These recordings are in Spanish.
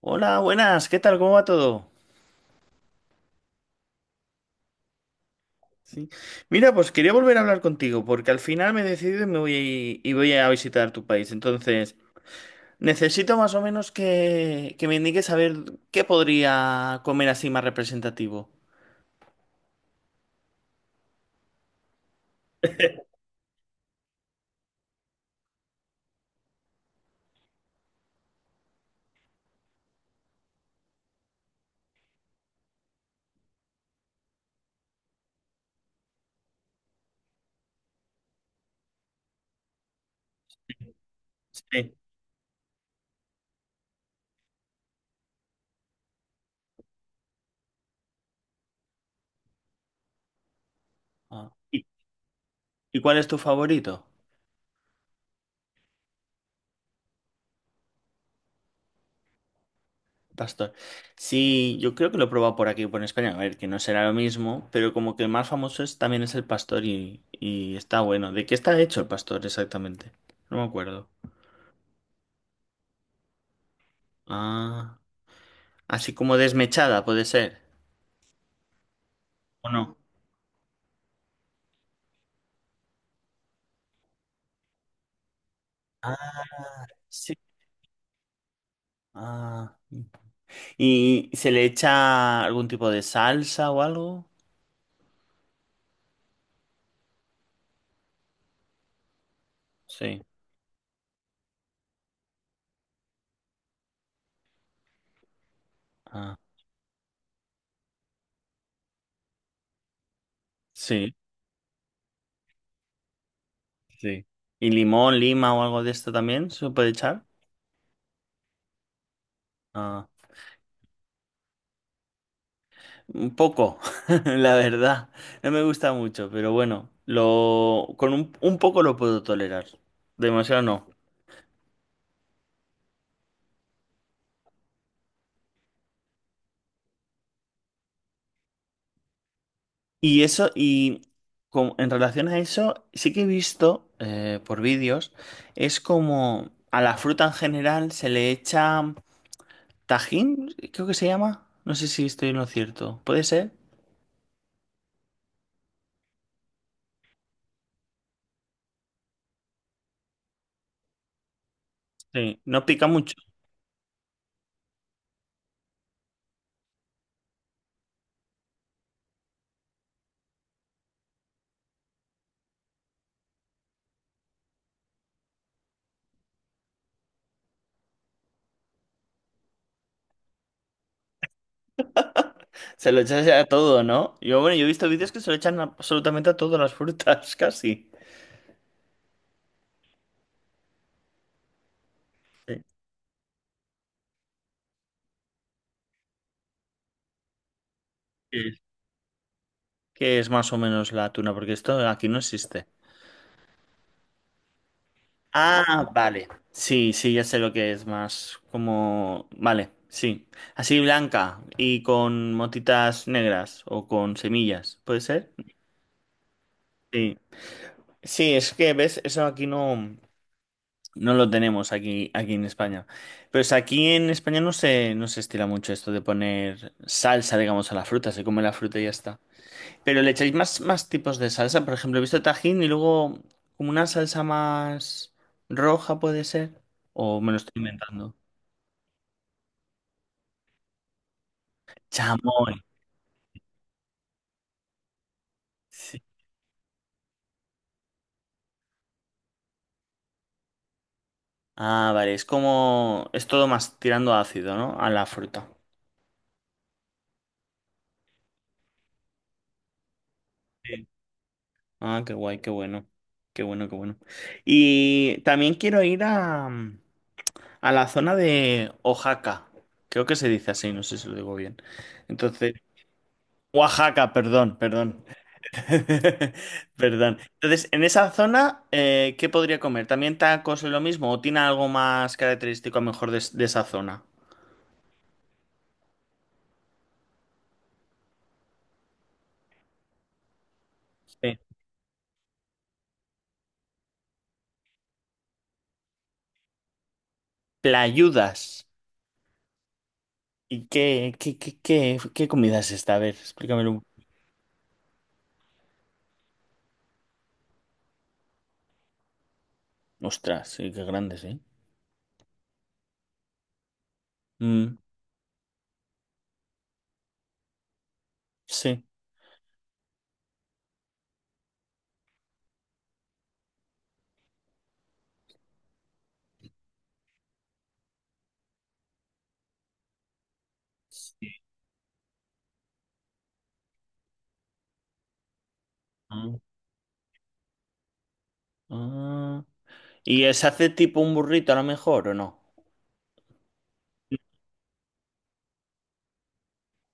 Hola, buenas, ¿qué tal? ¿Cómo va todo? Sí. Mira, pues quería volver a hablar contigo porque al final me he decidido y me voy y voy a visitar tu país. Entonces, necesito más o menos que me indiques a ver qué podría comer así más representativo. Sí. Ah. ¿Y cuál es tu favorito? ¿Pastor? Sí, yo creo que lo he probado por aquí, por España. A ver, que no será lo mismo, pero como que el más famoso es, también es el pastor y está bueno. ¿De qué está hecho el pastor exactamente? No me acuerdo. Ah. Así como desmechada, puede ser, ¿o no? Ah, sí. Ah. ¿Y se le echa algún tipo de salsa o algo? Sí. Ah, sí, sí. ¿Y limón, lima o algo de esto también se puede echar? Ah, un poco, la verdad. No me gusta mucho, pero bueno, lo con un poco lo puedo tolerar. Demasiado no. Y eso, y en relación a eso, sí que he visto por vídeos, es como a la fruta en general se le echa tajín, creo que se llama. No sé si estoy en lo cierto. ¿Puede ser? Sí, no pica mucho. Se lo echas a todo, ¿no? Bueno, yo he visto vídeos que se lo echan absolutamente a todas las frutas, casi. Sí. Que es más o menos la tuna, porque esto aquí no existe. Ah, vale. Sí, sí, ya sé lo que es más como. Vale, sí. Así blanca y con motitas negras o con semillas, ¿puede ser? Sí. Sí, es que, ¿ves? Eso aquí no lo tenemos aquí en España. Pero es aquí en España no se estila mucho esto de poner salsa, digamos, a la fruta. Se come la fruta y ya está. Pero le echáis más tipos de salsa. Por ejemplo, he visto tajín y luego como una salsa más roja, ¿puede ser? ¿O me lo estoy inventando? Chamoy. Sí. Ah, vale. Es todo más tirando a ácido, ¿no? A la fruta. Sí. Ah, qué guay, qué bueno. Qué bueno, qué bueno. Y también quiero ir a la zona de Oaxaca. Creo que se dice así, no sé si lo digo bien. Entonces, Oaxaca, perdón, perdón. Perdón. Entonces, en esa zona, ¿qué podría comer? ¿También tacos es lo mismo? ¿O tiene algo más característico a lo mejor de esa zona? Sí. Playudas. ¿Y qué comida es esta? A ver, explícamelo. Ostras, sí, qué grandes, ¿eh? Mm, sí. Sí. Ah, ah. ¿Y se hace tipo un burrito a lo mejor o no?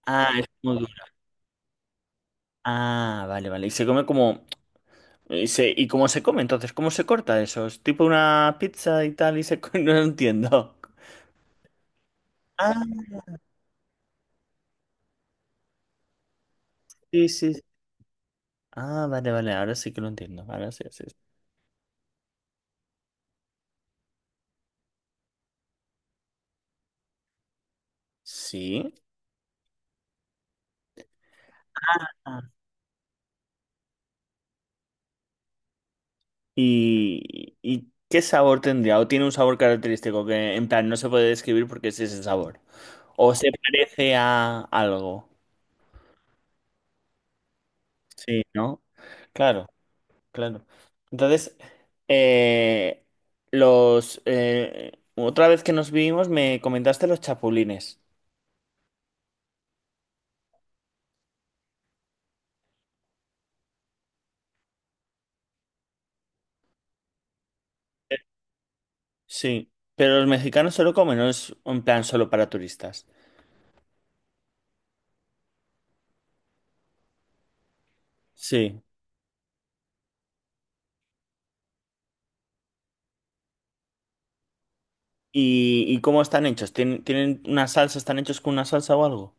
Ah, es como duro. Ah, vale, vale. Y se come. ¿Y cómo se come entonces? ¿Cómo se corta eso? ¿Es tipo una pizza y tal? No lo entiendo. Ah, sí, sí, sí. Ah, vale, vale. Ahora sí que lo entiendo. Ahora sí, sí. Sí. ¿Y qué sabor tendría? ¿O tiene un sabor característico que en plan no se puede describir porque es ese sabor? ¿O se parece a algo? Sí, ¿no? Claro, claro. Entonces, eh, los otra vez que nos vimos me comentaste los chapulines. Sí, pero los mexicanos solo comen, no es un plan solo para turistas. Sí. ¿Y cómo están hechos? ¿Tienen una salsa? ¿Están hechos con una salsa o algo?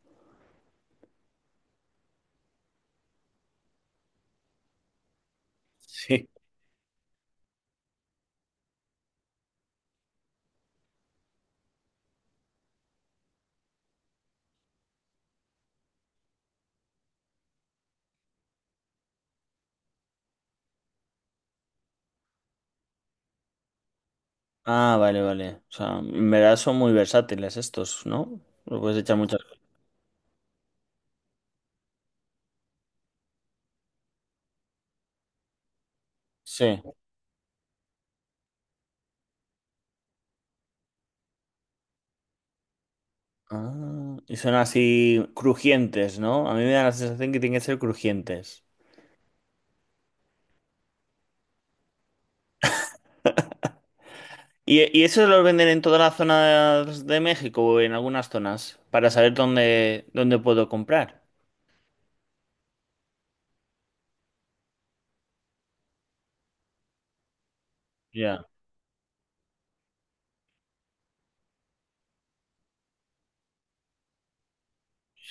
Sí. Ah, vale, vale. O sea, en verdad son muy versátiles estos, ¿no? Lo puedes echar muchas cosas. Sí. Ah, y son así crujientes, ¿no? A mí me da la sensación que tienen que ser crujientes. ¿Y esos los venden en toda la zona de México o en algunas zonas? Para saber dónde puedo comprar. Ya.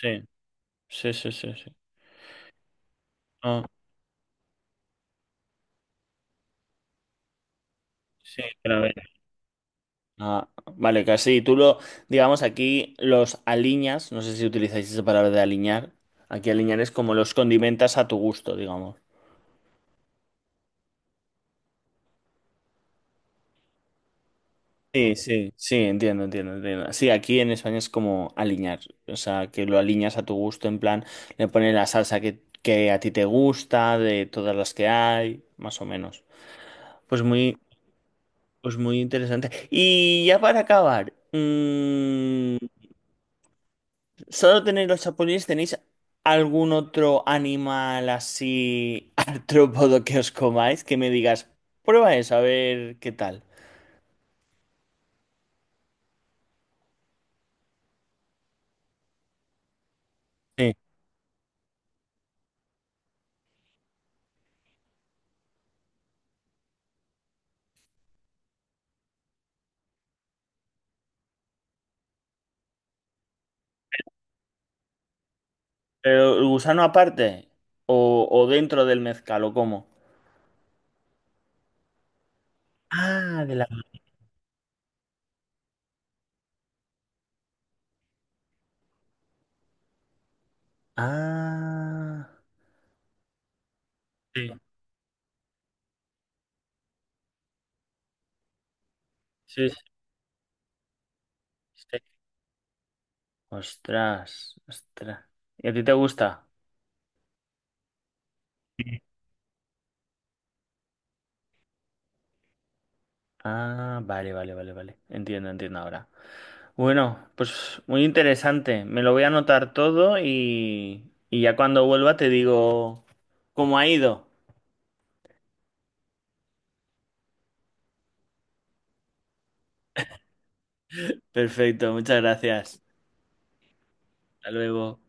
Sí, sí, sí, sí, sí. Ah, sí, claro. Ah, vale, casi. Digamos, aquí los aliñas, no sé si utilizáis esa palabra de aliñar. Aquí aliñar es como los condimentas a tu gusto, digamos. Sí, sí, sí, entiendo, entiendo, entiendo. Sí, aquí en España es como aliñar, o sea, que lo aliñas a tu gusto, en plan, le pones la salsa que a ti te gusta, de todas las que hay, más o menos. Pues muy, pues muy interesante. Y ya para acabar, ¿solo tenéis los chapulines? ¿Tenéis algún otro animal así artrópodo que os comáis? Que me digas, prueba eso, a ver qué tal. Sí. ¿Pero el gusano aparte? ¿O dentro del mezcal? ¿O cómo? Ah, de la. Ah. Sí, sí, sí, sí. Ostras, ostras. ¿Y a ti te gusta? Ah, vale, vale, vale, vale. Entiendo, entiendo ahora. Bueno, pues muy interesante. Me lo voy a anotar todo y ya cuando vuelva te digo cómo ha ido. Perfecto, muchas gracias. Hasta luego.